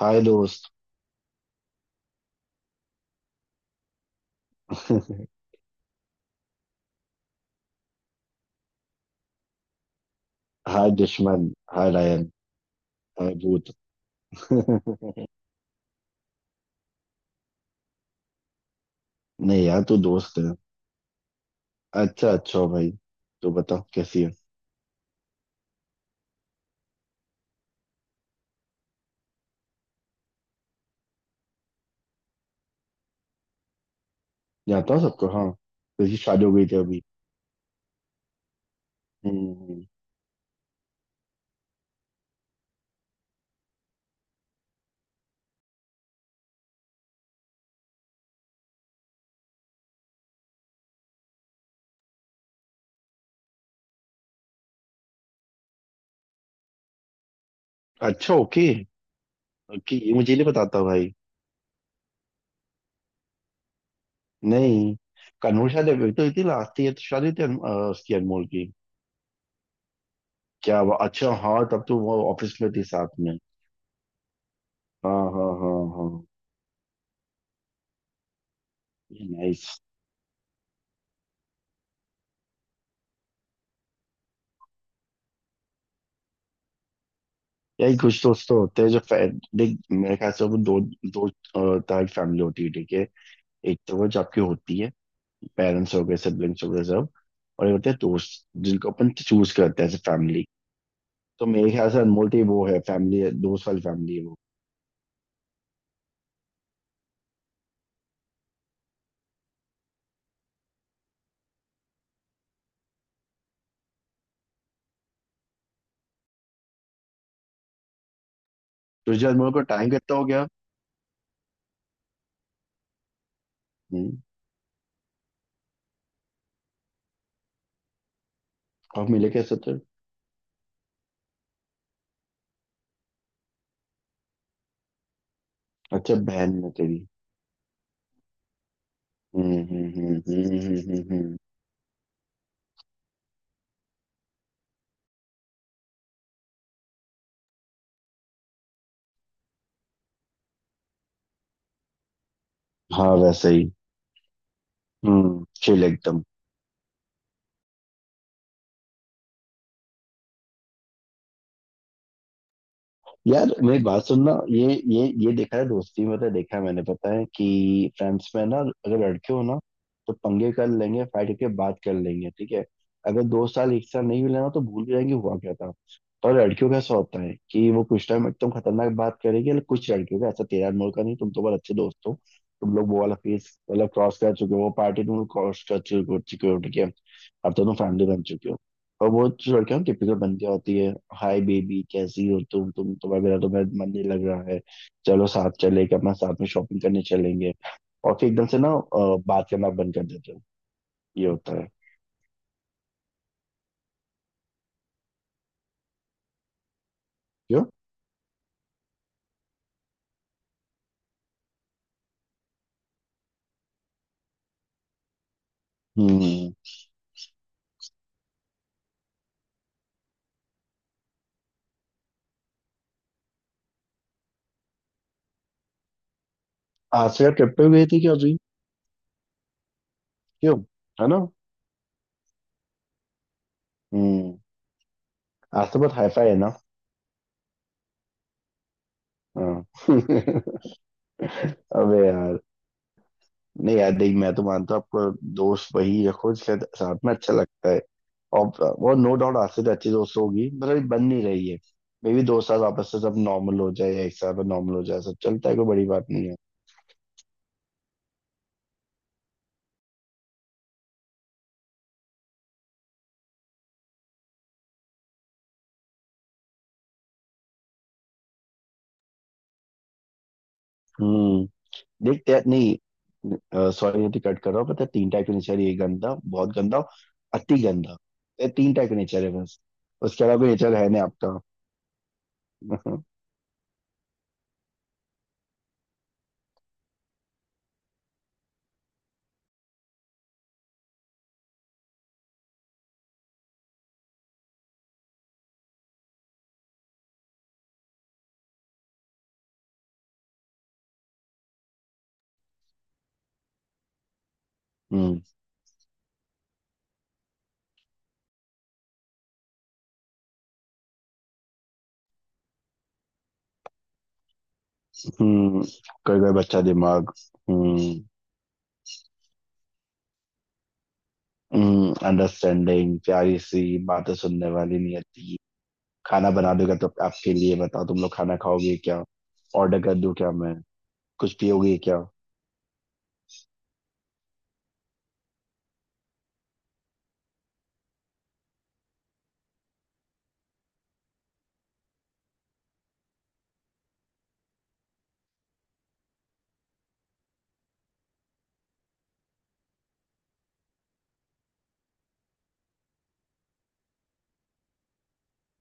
हाय दोस्त। हाय दुश्मन। Hi lion. Hi भूत। नहीं, यार तू दोस्त है। अच्छा अच्छा भाई, तो बता कैसी है। जानता हूँ सबको, हाँ। तेरी शादी हो गई थी अभी। हम्म। अच्छा, ओके। ओके, ये मुझे नहीं पता था भाई। नहीं, कन्नूर शादी अभी तो इतनी लास्ट ईयर तो शादी थी उसकी, अनमोल की। क्या हुआ? अच्छा हाँ, तब तो वो ऑफिस में थी साथ में। हाँ हाँ हाँ हाँ। नाइस। यही कुछ दोस्त तो होते हैं जो देख, मेरे ख्याल से वो दो, दो तरह की फैमिली होती है ठीक है। एक तो वो जो आपकी होती है, पेरेंट्स हो गए सिबलिंग्स हो गए सब। और ये होते हैं दोस्त जिनको अपन चूज करते हैं एज फैमिली। तो मेरे ख्याल से अनमोल की वो है फैमिली, दोस्त वाली फैमिली है वो। तुझे अनमोल को टाइम कितना हो गया। हम्म। आप मिले कैसे थे। अच्छा, बहन है तेरी। हम्म हम्म हम्म हम्म हम्म हम्म, हम्म। हाँ वैसे ही। हम्म, चिल एकदम। यार मेरी बात सुनना, ये देखा है दोस्ती में, तो देखा है मैंने, पता है कि फ्रेंड्स में ना अगर लड़के हो ना, तो पंगे कर लेंगे, फाइट करके बात कर लेंगे ठीक है। अगर दो साल एक साल नहीं मिले ना तो भूल जाएंगे हुआ क्या था। पर लड़कियों का ऐसा होता है कि वो कुछ टाइम एकदम खतरनाक बात करेगी, लेकिन कुछ लड़कियों का ऐसा तेरा मोड़ का नहीं, तुम तो बहुत अच्छे दोस्त हो। तुम लोग वो वाला फेस मतलब क्रॉस कर चुके हो, वो पार्टी तुम लोग क्रॉस कर चुके हो, ठीक है। अब तो तुम फैमिली बन चुके हो। और वो लड़कियों की टिपिकल बनती होती है। हाय बेबी कैसी हो तुम तुम्हारा, मेरा तो मेरा मन नहीं लग रहा है, चलो साथ चले कि अपना साथ में शॉपिंग करने चलेंगे। और फिर एकदम से ना बात करना बंद कर देते हो। ये होता है। क्यों। हम्म। आज का ट्रिप पे गई थी क्या अभी। क्यों। है ना। हम्म। आज तो बहुत हाई फाई है ना। हाँ। अबे यार। नहीं यार देख, मैं तो मानता हूँ आपको। दोस्त वही रखो, शायद साथ में अच्छा लगता है। और वो नो डाउट आज से तो अच्छी दोस्त होगी, मतलब अभी बन नहीं रही है। मे भी दो साल वापस से सब नॉर्मल हो जाए या एक साल में नॉर्मल हो जाए, सब चलता है, कोई बड़ी बात नहीं है। हम्म। देखते हैं, नहीं सॉरी अति कट कर रहा हूँ, पता है तीन टाइप के नेचर, ये गंदा, बहुत गंदा और अति गंदा। ये तीन टाइप के नेचर है बस। उसके अलावा कोई नेचर है नहीं आपका। हम्म। हम्म। कोई कोई बच्चा दिमाग। हम्म। अंडरस्टैंडिंग, प्यारी सी बातें सुनने वाली नियति। खाना बना दूंगा तो आपके लिए, बताओ तुम लोग खाना खाओगे क्या। ऑर्डर कर दूं क्या मैं। कुछ पियोगे क्या।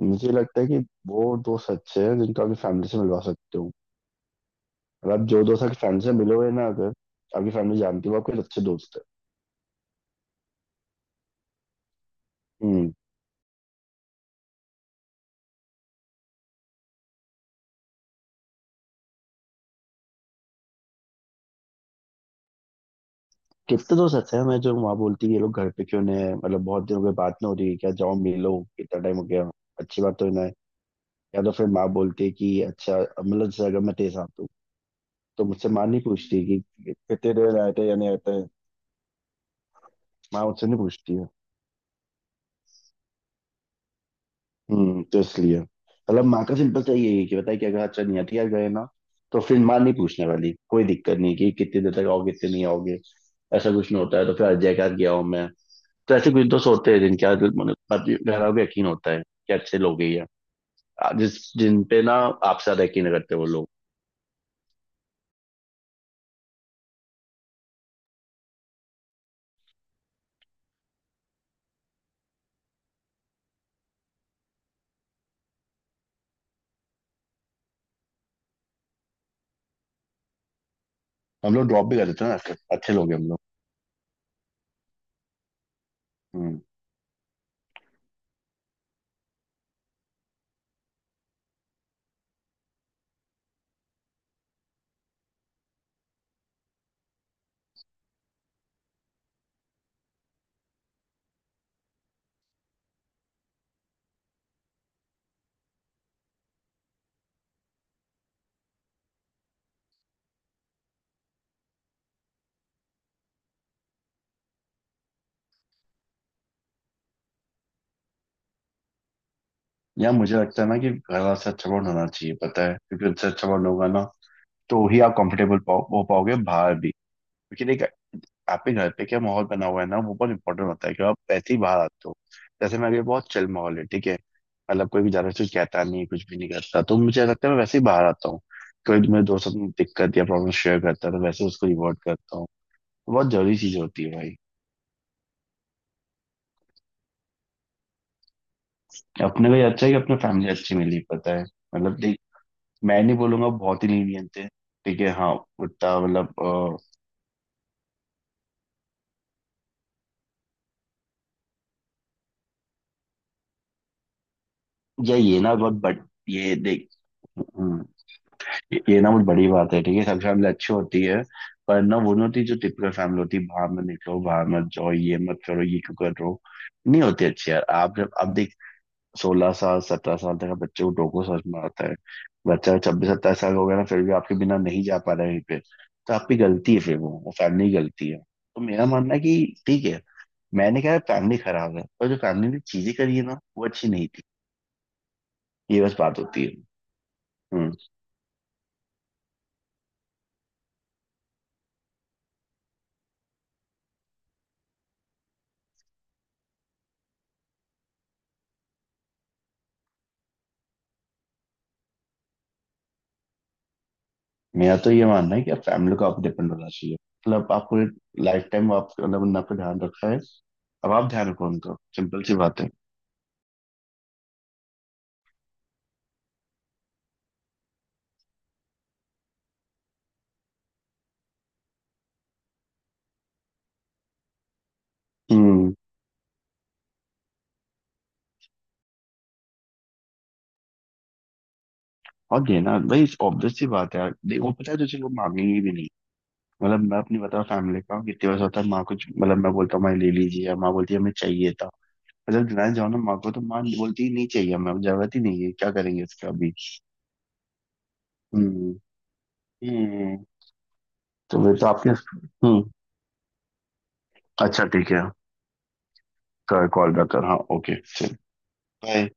मुझे लगता है कि वो दोस्त अच्छे हैं जिनको आपकी फैमिली से मिलवा सकते हो। और आप जो दोस्त आपकी फैमिली से मिलोगे ना, अगर आपकी फैमिली जानती है वो आपके अच्छे दोस्त है। हम्म। कितने दोस्त अच्छे हैं मैं, जो वहाँ बोलती है ये लोग घर पे क्यों नहीं है, मतलब बहुत दिन हो गए बात नहीं हो रही है क्या, जाओ मिलो कितना टाइम हो गया। अच्छी बात तो ना है। या तो फिर माँ बोलती है कि अच्छा, मतलब जैसे अगर मैं तेज आता हूँ तो मुझसे माँ नहीं पूछती है कि कितने देर आए थे या नहीं आए थे। माँ मुझसे नहीं पूछती है। हम्म, तो इसलिए मतलब माँ का सिंपल सा यही है कि बताइए कि अगर अच्छा नहीं हथियार गए ना, तो फिर माँ नहीं पूछने वाली, कोई दिक्कत नहीं कि कितनी देर तक आओगे कितने नहीं आओगे। ऐसा कुछ नहीं होता है, तो फिर अजय के साथ गया हूँ मैं। तो ऐसे कुछ दोस्त होते हैं जिनके आज मतलब बाकी घर वालों को यकीन होता है कि अच्छे लोग ही है। जिस जिन पे ना आपसे ज्यादा यकीन करते हैं वो लोग। हम लोग ड्रॉप भी कर देते हैं ना, ऐसे अच्छे लोग हैं हम लोग। या मुझे लगता है ना कि घर वाला से अच्छा बॉन्ड होना चाहिए, पता है क्योंकि उनसे अच्छा बॉन्ड होगा ना तो ही आप हो पाओगे बाहर भी। क्योंकि देख, आपके घर पे क्या माहौल बना हुआ है ना वो बहुत इंपॉर्टेंट होता है, कि आप ऐसे ही बाहर आते हो। जैसे मेरे बहुत चिल माहौल है ठीक है, मतलब कोई भी ज्यादा कुछ कहता नहीं, कुछ भी नहीं करता, तो मुझे लगता है मैं वैसे ही बाहर आता हूँ। कोई मेरे दोस्त अपनी दिक्कत या प्रॉब्लम शेयर करता है तो वैसे उसको रिवॉर्ड करता हूँ। बहुत जरूरी चीज होती है भाई। अपने लिए अच्छा है कि अपने फैमिली अच्छी मिली, पता है मतलब। देख मैं नहीं बोलूंगा बहुत ही लीनियंट थे, ठीक है हाँ। उतना मतलब अ, या ये ना बहुत बड़ ये देख। हम्म, ये ना बहुत बड़ी बात है ठीक है, सब फैमिली अच्छी होती है। पर ना वो नहीं होती जो टिपिकल फैमिली होती है, बाहर मत निकलो, बाहर मत जाओ, ये मत करो, ये क्यों कर रहे हो। नहीं होती अच्छी यार, आप जब, अब देख 16 साल 17 साल तक आप बच्चे को टोको समझ में आता है। बच्चा 26 27 साल हो गया ना फिर भी आपके बिना नहीं जा पा रहा है कहीं पे, तो आपकी गलती है, फिर वो फैमिली की गलती है। तो मेरा मानना है कि ठीक है, मैंने कहा फैमिली खराब है, और जो फैमिली में चीजें करी है ना वो अच्छी नहीं थी, ये बस बात होती है। हम्म। मेरा तो ये मानना है कि आप फैमिली को आप डिपेंड होना चाहिए, मतलब आप पूरे लाइफ टाइम आप मतलब उन पे ध्यान रखा है, अब आप ध्यान रखो उनका, सिंपल सी बात है। हम्म। और देना भाई ऑब्वियस सी बात है यार, देखो पता है तुझे वो मांगेंगे भी नहीं। मतलब मैं अपनी बताऊँ फैमिली का, कितने बार होता है माँ कुछ मतलब मैं बोलता हूँ माँ ले लीजिए, या माँ बोलती है हमें चाहिए था। और जब दिलाने जाओ ना माँ को तो माँ बोलती है, नहीं चाहिए हमें, अब जरूरत ही नहीं है, क्या करेंगे इसका अभी। हम्म। हम्म, तो फिर तो आपके। हम्म। अच्छा ठीक है, कॉल बैक कर, हाँ ओके, बाय।